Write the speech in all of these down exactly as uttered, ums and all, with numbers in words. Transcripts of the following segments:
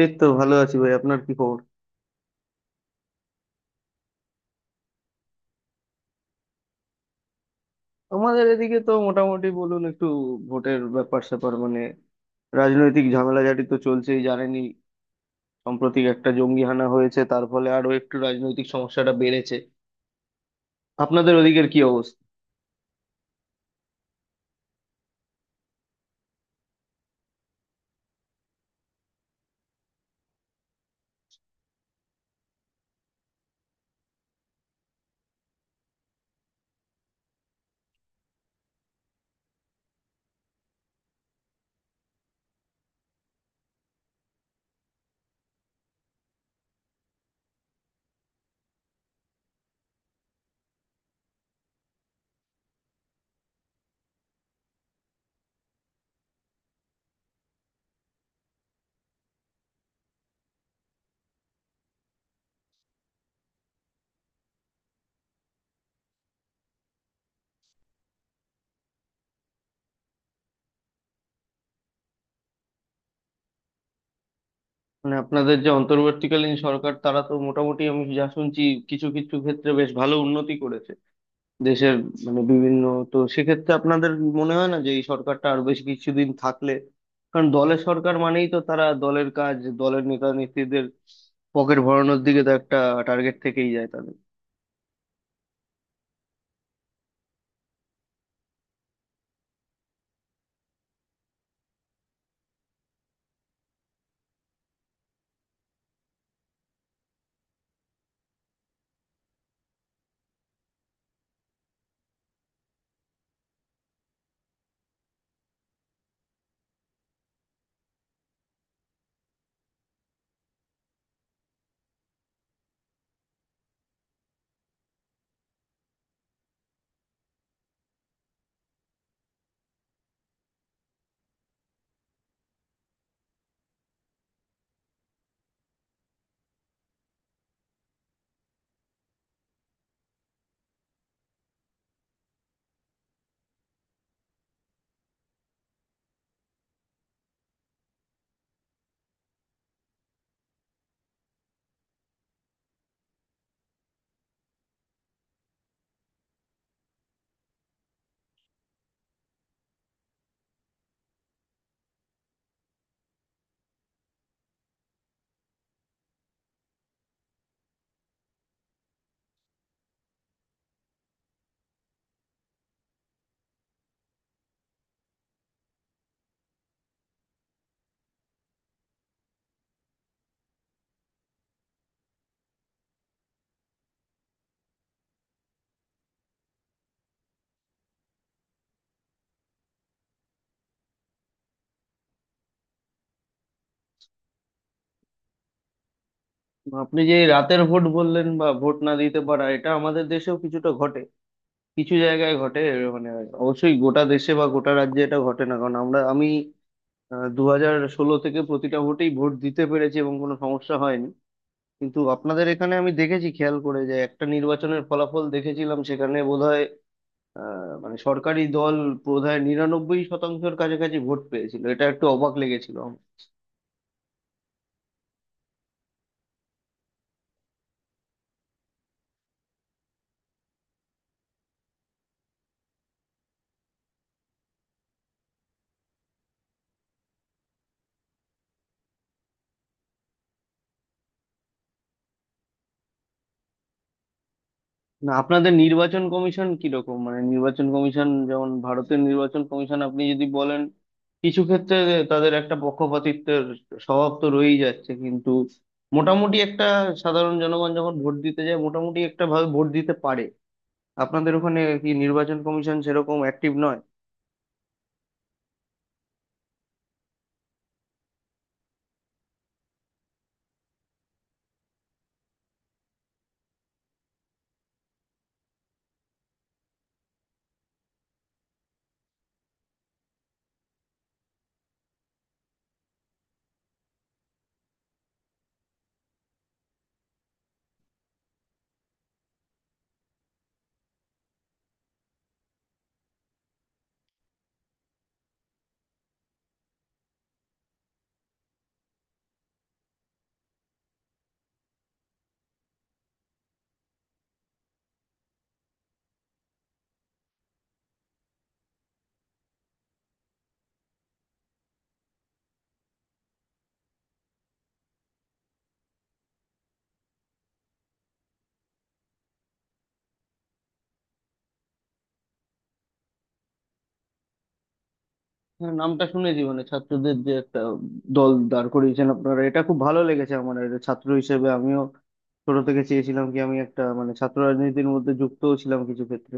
এই তো ভালো আছি ভাই, আপনার কি খবর? আমাদের এদিকে তো মোটামুটি বলুন একটু, ভোটের ব্যাপার স্যাপার মানে রাজনৈতিক ঝামেলাঝাটি তো চলছেই, জানেনই। সাম্প্রতিক একটা জঙ্গি হানা হয়েছে, তার ফলে আরো একটু রাজনৈতিক সমস্যাটা বেড়েছে। আপনাদের ওদিকের কি অবস্থা? মানে আপনাদের যে অন্তর্বর্তীকালীন সরকার, তারা তো মোটামুটি আমি যা শুনছি কিছু কিছু ক্ষেত্রে বেশ ভালো উন্নতি করেছে দেশের, মানে বিভিন্ন। তো সেক্ষেত্রে আপনাদের মনে হয় না যে এই সরকারটা আর বেশ কিছুদিন থাকলে? কারণ দলের সরকার মানেই তো তারা দলের কাজ, দলের নেতা নেত্রীদের পকেট ভরানোর দিকে তো একটা টার্গেট থেকেই যায় তাদের। আপনি যে এই রাতের ভোট বললেন বা ভোট না দিতে পারা, এটা আমাদের দেশেও কিছুটা ঘটে, কিছু জায়গায় ঘটে। এর মানে অবশ্যই গোটা দেশে বা গোটা রাজ্যে এটা ঘটে না, কারণ আমরা আমি দু হাজার ষোলো থেকে প্রতিটা ভোটেই ভোট দিতে পেরেছি এবং কোনো সমস্যা হয়নি। কিন্তু আপনাদের এখানে আমি দেখেছি, খেয়াল করে যে একটা নির্বাচনের ফলাফল দেখেছিলাম, সেখানে বোধহয় আহ মানে সরকারি দল বোধহয় নিরানব্বই শতাংশের কাছাকাছি ভোট পেয়েছিল, এটা একটু অবাক লেগেছিল আমার। না, আপনাদের নির্বাচন কমিশন কিরকম? মানে নির্বাচন কমিশন যেমন ভারতের নির্বাচন কমিশন, আপনি যদি বলেন কিছু ক্ষেত্রে তাদের একটা পক্ষপাতিত্বের স্বভাব তো রয়েই যাচ্ছে, কিন্তু মোটামুটি একটা, সাধারণ জনগণ যখন ভোট দিতে যায় মোটামুটি একটা ভাবে ভোট দিতে পারে। আপনাদের ওখানে কি নির্বাচন কমিশন সেরকম অ্যাক্টিভ? হ্যাঁ, নামটা শুনেছি। মানে ছাত্রদের যে একটা দল দাঁড় করিয়েছেন আপনারা, এটা খুব ভালো লেগেছে আমার, আর ছাত্র হিসেবে আমিও ছোট থেকে চেয়েছিলাম কি, আমি একটা মানে ছাত্র রাজনীতির মধ্যে যুক্তও ছিলাম কিছু ক্ষেত্রে।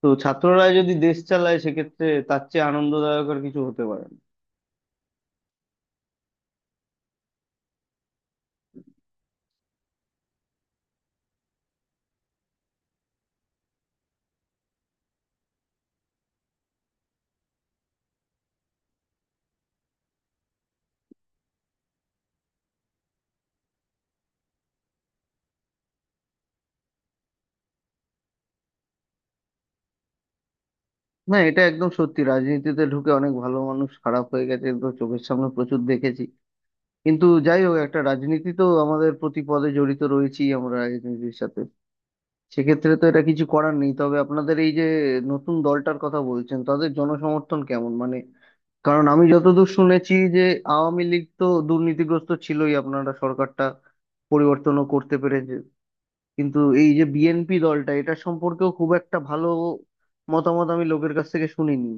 তো ছাত্ররা যদি দেশ চালায়, সেক্ষেত্রে তার চেয়ে আনন্দদায়ক আর কিছু হতে পারে না। না, এটা একদম সত্যি, রাজনীতিতে ঢুকে অনেক ভালো মানুষ খারাপ হয়ে গেছে, তো চোখের সামনে প্রচুর দেখেছি। কিন্তু যাই হোক, একটা রাজনীতি তো আমাদের প্রতি পদে জড়িত রয়েছি আমরা রাজনীতির সাথে। সেক্ষেত্রে তো এটা কিছু করার নেই। তবে আপনাদের এই যে নতুন দলটার কথা বলছেন, তাদের জনসমর্থন কেমন মানে? কারণ আমি যতদূর শুনেছি যে আওয়ামী লীগ তো দুর্নীতিগ্রস্ত ছিলই, আপনারা সরকারটা পরিবর্তনও করতে পেরেছে, কিন্তু এই যে বিএনপি দলটা, এটা সম্পর্কেও খুব একটা ভালো মতামত আমি লোকের কাছ থেকে শুনিনি।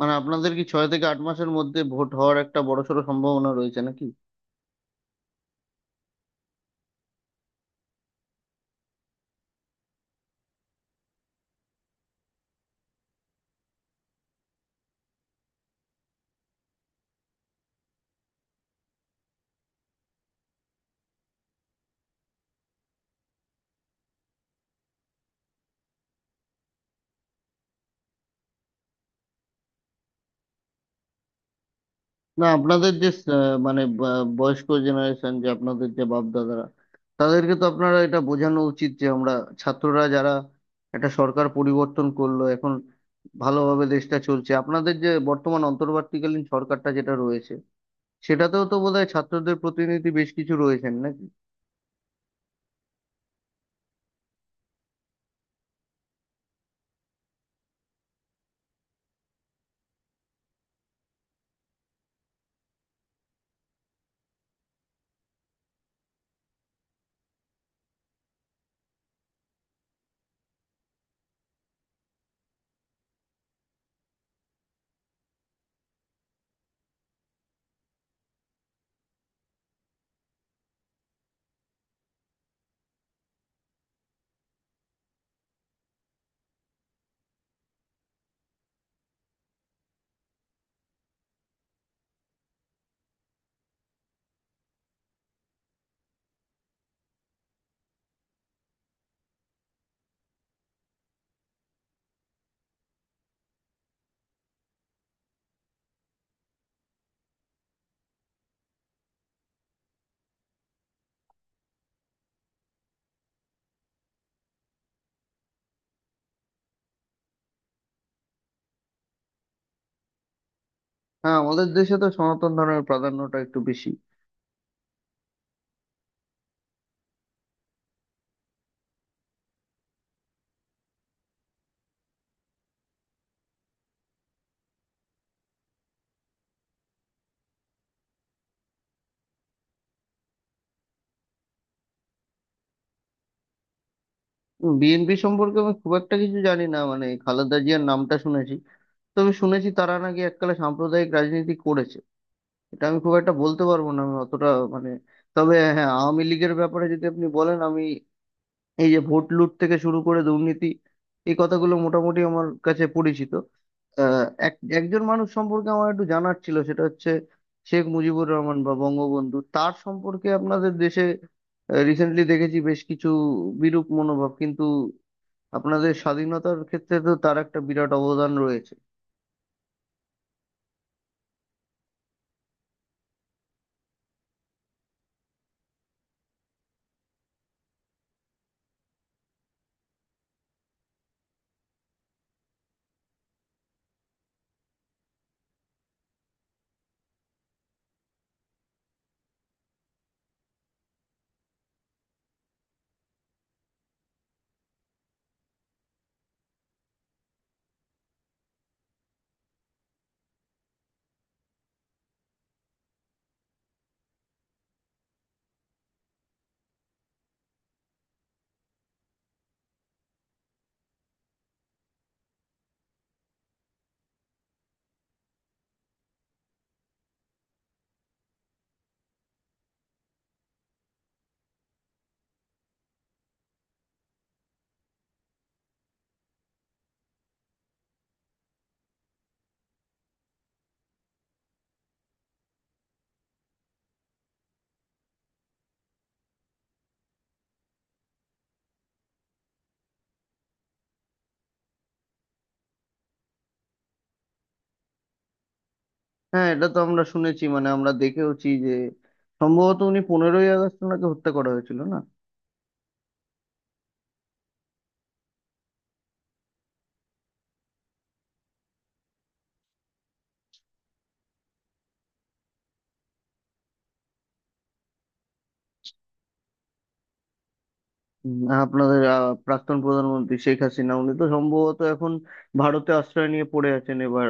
মানে আপনাদের কি ছয় থেকে আট মাসের মধ্যে ভোট হওয়ার একটা বড়সড় সম্ভাবনা রয়েছে নাকি? না, আপনাদের যে আহ, মানে ব- বয়স্ক জেনারেশন, যে আপনাদের যে বাপ দাদারা, তাদেরকে তো আপনারা এটা বোঝানো উচিত যে আমরা ছাত্ররা, যারা একটা সরকার পরিবর্তন করলো, এখন ভালোভাবে দেশটা চলছে। আপনাদের যে বর্তমান অন্তর্বর্তীকালীন সরকারটা যেটা রয়েছে, সেটাতেও তো বোধহয় ছাত্রদের প্রতিনিধি বেশ কিছু রয়েছেন নাকি? হ্যাঁ, আমাদের দেশে তো সনাতন ধর্মের প্রাধান্যটা একটু বেশি। বিএনপি সম্পর্কে আমি খুব একটা কিছু জানি না, মানে খালেদা জিয়ার নামটা শুনেছি। তবে শুনেছি তারা নাকি এককালে সাম্প্রদায়িক রাজনীতি করেছে, এটা আমি খুব একটা বলতে পারবো না, আমি অতটা মানে। তবে হ্যাঁ, আওয়ামী লীগের ব্যাপারে যদি আপনি বলেন, আমি এই যে ভোট লুট থেকে শুরু করে দুর্নীতি, এই কথাগুলো মোটামুটি আমার কাছে পরিচিত। আহ, এক একজন মানুষ সম্পর্কে আমার একটু জানার ছিল, সেটা হচ্ছে শেখ মুজিবুর রহমান বা বঙ্গবন্ধু, তার সম্পর্কে আপনাদের দেশে রিসেন্টলি দেখেছি বেশ কিছু বিরূপ মনোভাব, কিন্তু আপনাদের স্বাধীনতার ক্ষেত্রে তো তার একটা বিরাট অবদান রয়েছে। হ্যাঁ, এটা তো আমরা শুনেছি, মানে আমরা দেখেওছি যে সম্ভবত উনি, পনেরোই আগস্ট ওনাকে হত্যা করা হয়েছিল না? উম, আপনাদের আহ, প্রাক্তন প্রধানমন্ত্রী শেখ হাসিনা উনি তো সম্ভবত এখন ভারতে আশ্রয় নিয়ে পড়ে আছেন এবার।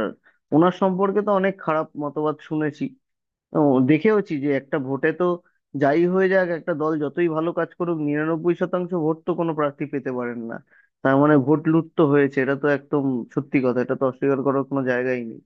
ওনার সম্পর্কে তো অনেক খারাপ মতবাদ শুনেছি, ও, দেখেওছি যে একটা ভোটে তো যাই হয়ে যাক, একটা দল যতই ভালো কাজ করুক, নিরানব্বই শতাংশ ভোট তো কোনো প্রার্থী পেতে পারেন না। তার মানে ভোট লুট তো হয়েছে, এটা তো একদম সত্যি কথা, এটা তো অস্বীকার করার কোনো জায়গাই নেই।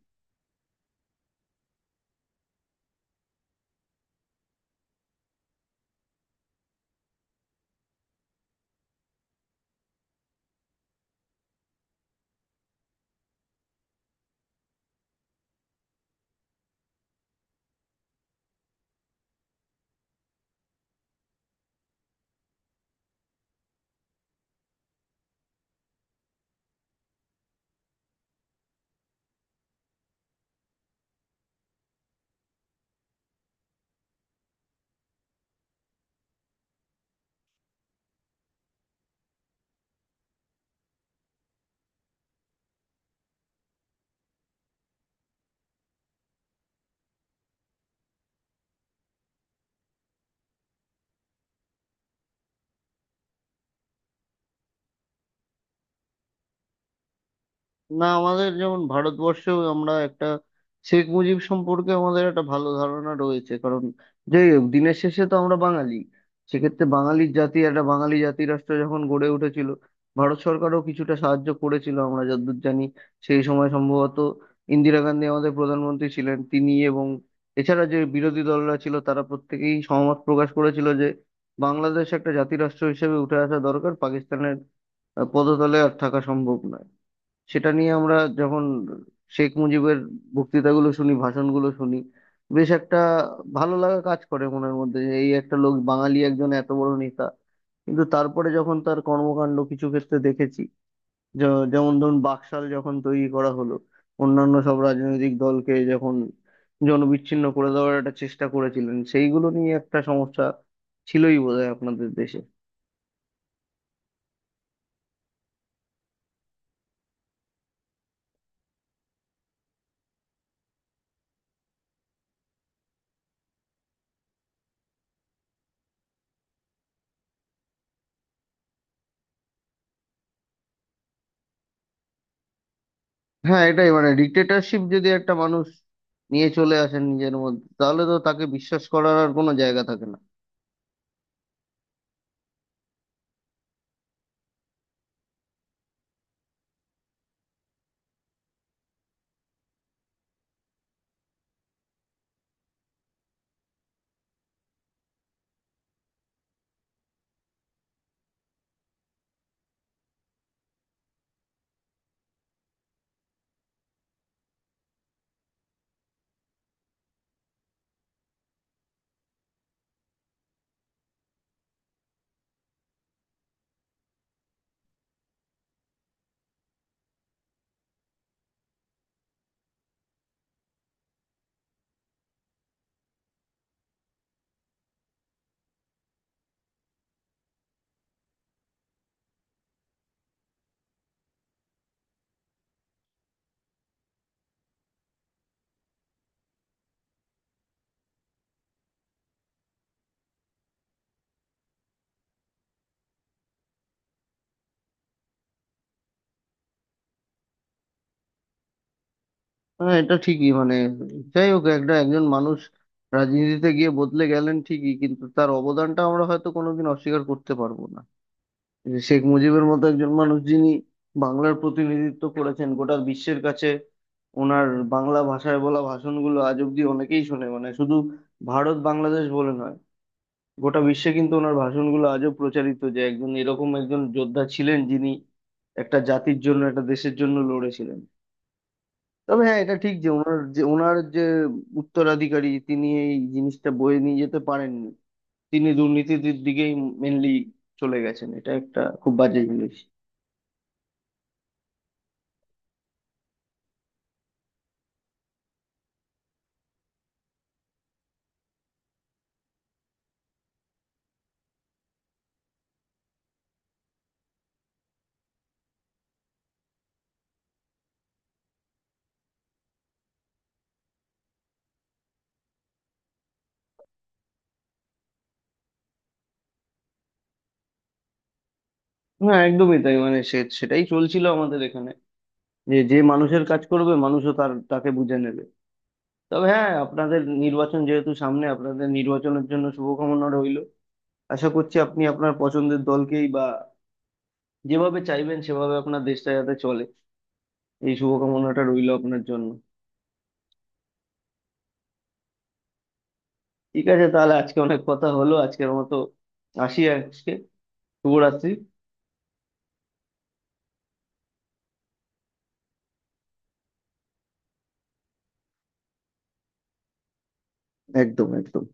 না, আমাদের যেমন ভারতবর্ষেও আমরা একটা, শেখ মুজিব সম্পর্কে আমাদের একটা ভালো ধারণা রয়েছে, কারণ যাই হোক দিনের শেষে তো আমরা বাঙালি। সেক্ষেত্রে বাঙালির জাতি, একটা বাঙালি জাতি রাষ্ট্র যখন গড়ে উঠেছিল, ভারত সরকারও কিছুটা সাহায্য করেছিল আমরা যতদূর জানি। সেই সময় সম্ভবত ইন্দিরা গান্ধী আমাদের প্রধানমন্ত্রী ছিলেন, তিনি এবং এছাড়া যে বিরোধী দলরা ছিল তারা প্রত্যেকেই সহমত প্রকাশ করেছিল যে বাংলাদেশ একটা জাতি রাষ্ট্র হিসেবে উঠে আসা দরকার, পাকিস্তানের আহ, পদতলে আর থাকা সম্ভব নয়। সেটা নিয়ে আমরা যখন শেখ মুজিবের বক্তৃতাগুলো শুনি, ভাষণগুলো শুনি, বেশ একটা ভালো লাগা কাজ করে মনের মধ্যে, যে এই একটা লোক বাঙালি একজন এত বড় নেতা। কিন্তু তারপরে যখন তার কর্মকাণ্ড কিছু ক্ষেত্রে দেখেছি, য- যেমন ধরুন বাকশাল যখন তৈরি করা হলো, অন্যান্য সব রাজনৈতিক দলকে যখন জনবিচ্ছিন্ন করে দেওয়ার একটা চেষ্টা করেছিলেন, সেইগুলো নিয়ে একটা সমস্যা ছিলই বোধহয় আপনাদের দেশে। হ্যাঁ, এটাই, মানে ডিক্টেটরশিপ যদি একটা মানুষ নিয়ে চলে আসেন নিজের মধ্যে, তাহলে তো তাকে বিশ্বাস করার আর কোনো জায়গা থাকে না। হ্যাঁ, এটা ঠিকই মানে, যাই হোক একটা, একজন মানুষ রাজনীতিতে গিয়ে বদলে গেলেন ঠিকই, কিন্তু তার অবদানটা আমরা হয়তো কোনোদিন অস্বীকার করতে পারবো না। যে শেখ মুজিবের মতো একজন মানুষ, যিনি বাংলার প্রতিনিধিত্ব করেছেন গোটা বিশ্বের কাছে, ওনার বাংলা ভাষায় বলা ভাষণগুলো আজ অব্দি অনেকেই শোনে, মানে শুধু ভারত বাংলাদেশ বলে নয়, গোটা বিশ্বে কিন্তু ওনার ভাষণগুলো আজও প্রচারিত। যে একজন, এরকম একজন যোদ্ধা ছিলেন, যিনি একটা জাতির জন্য একটা দেশের জন্য লড়েছিলেন। তবে হ্যাঁ এটা ঠিক যে ওনার যে ওনার যে উত্তরাধিকারী, তিনি এই জিনিসটা বয়ে নিয়ে যেতে পারেননি। তিনি দুর্নীতির দিকেই মেনলি চলে গেছেন, এটা একটা খুব বাজে জিনিস। হ্যাঁ একদমই তাই, মানে সে সেটাই চলছিল আমাদের এখানে, যে যে মানুষের কাজ করবে মানুষও তার তাকে বুঝে নেবে। তবে হ্যাঁ, আপনাদের নির্বাচন যেহেতু সামনে, আপনাদের নির্বাচনের জন্য শুভকামনা রইল। আশা করছি আপনি আপনার পছন্দের দলকেই বা যেভাবে চাইবেন সেভাবে আপনার দেশটা যাতে চলে, এই শুভকামনাটা রইল আপনার জন্য। ঠিক আছে, তাহলে আজকে অনেক কথা হলো। আজকের মতো আসি আজকে। শুভরাত্রি। একদম একদম।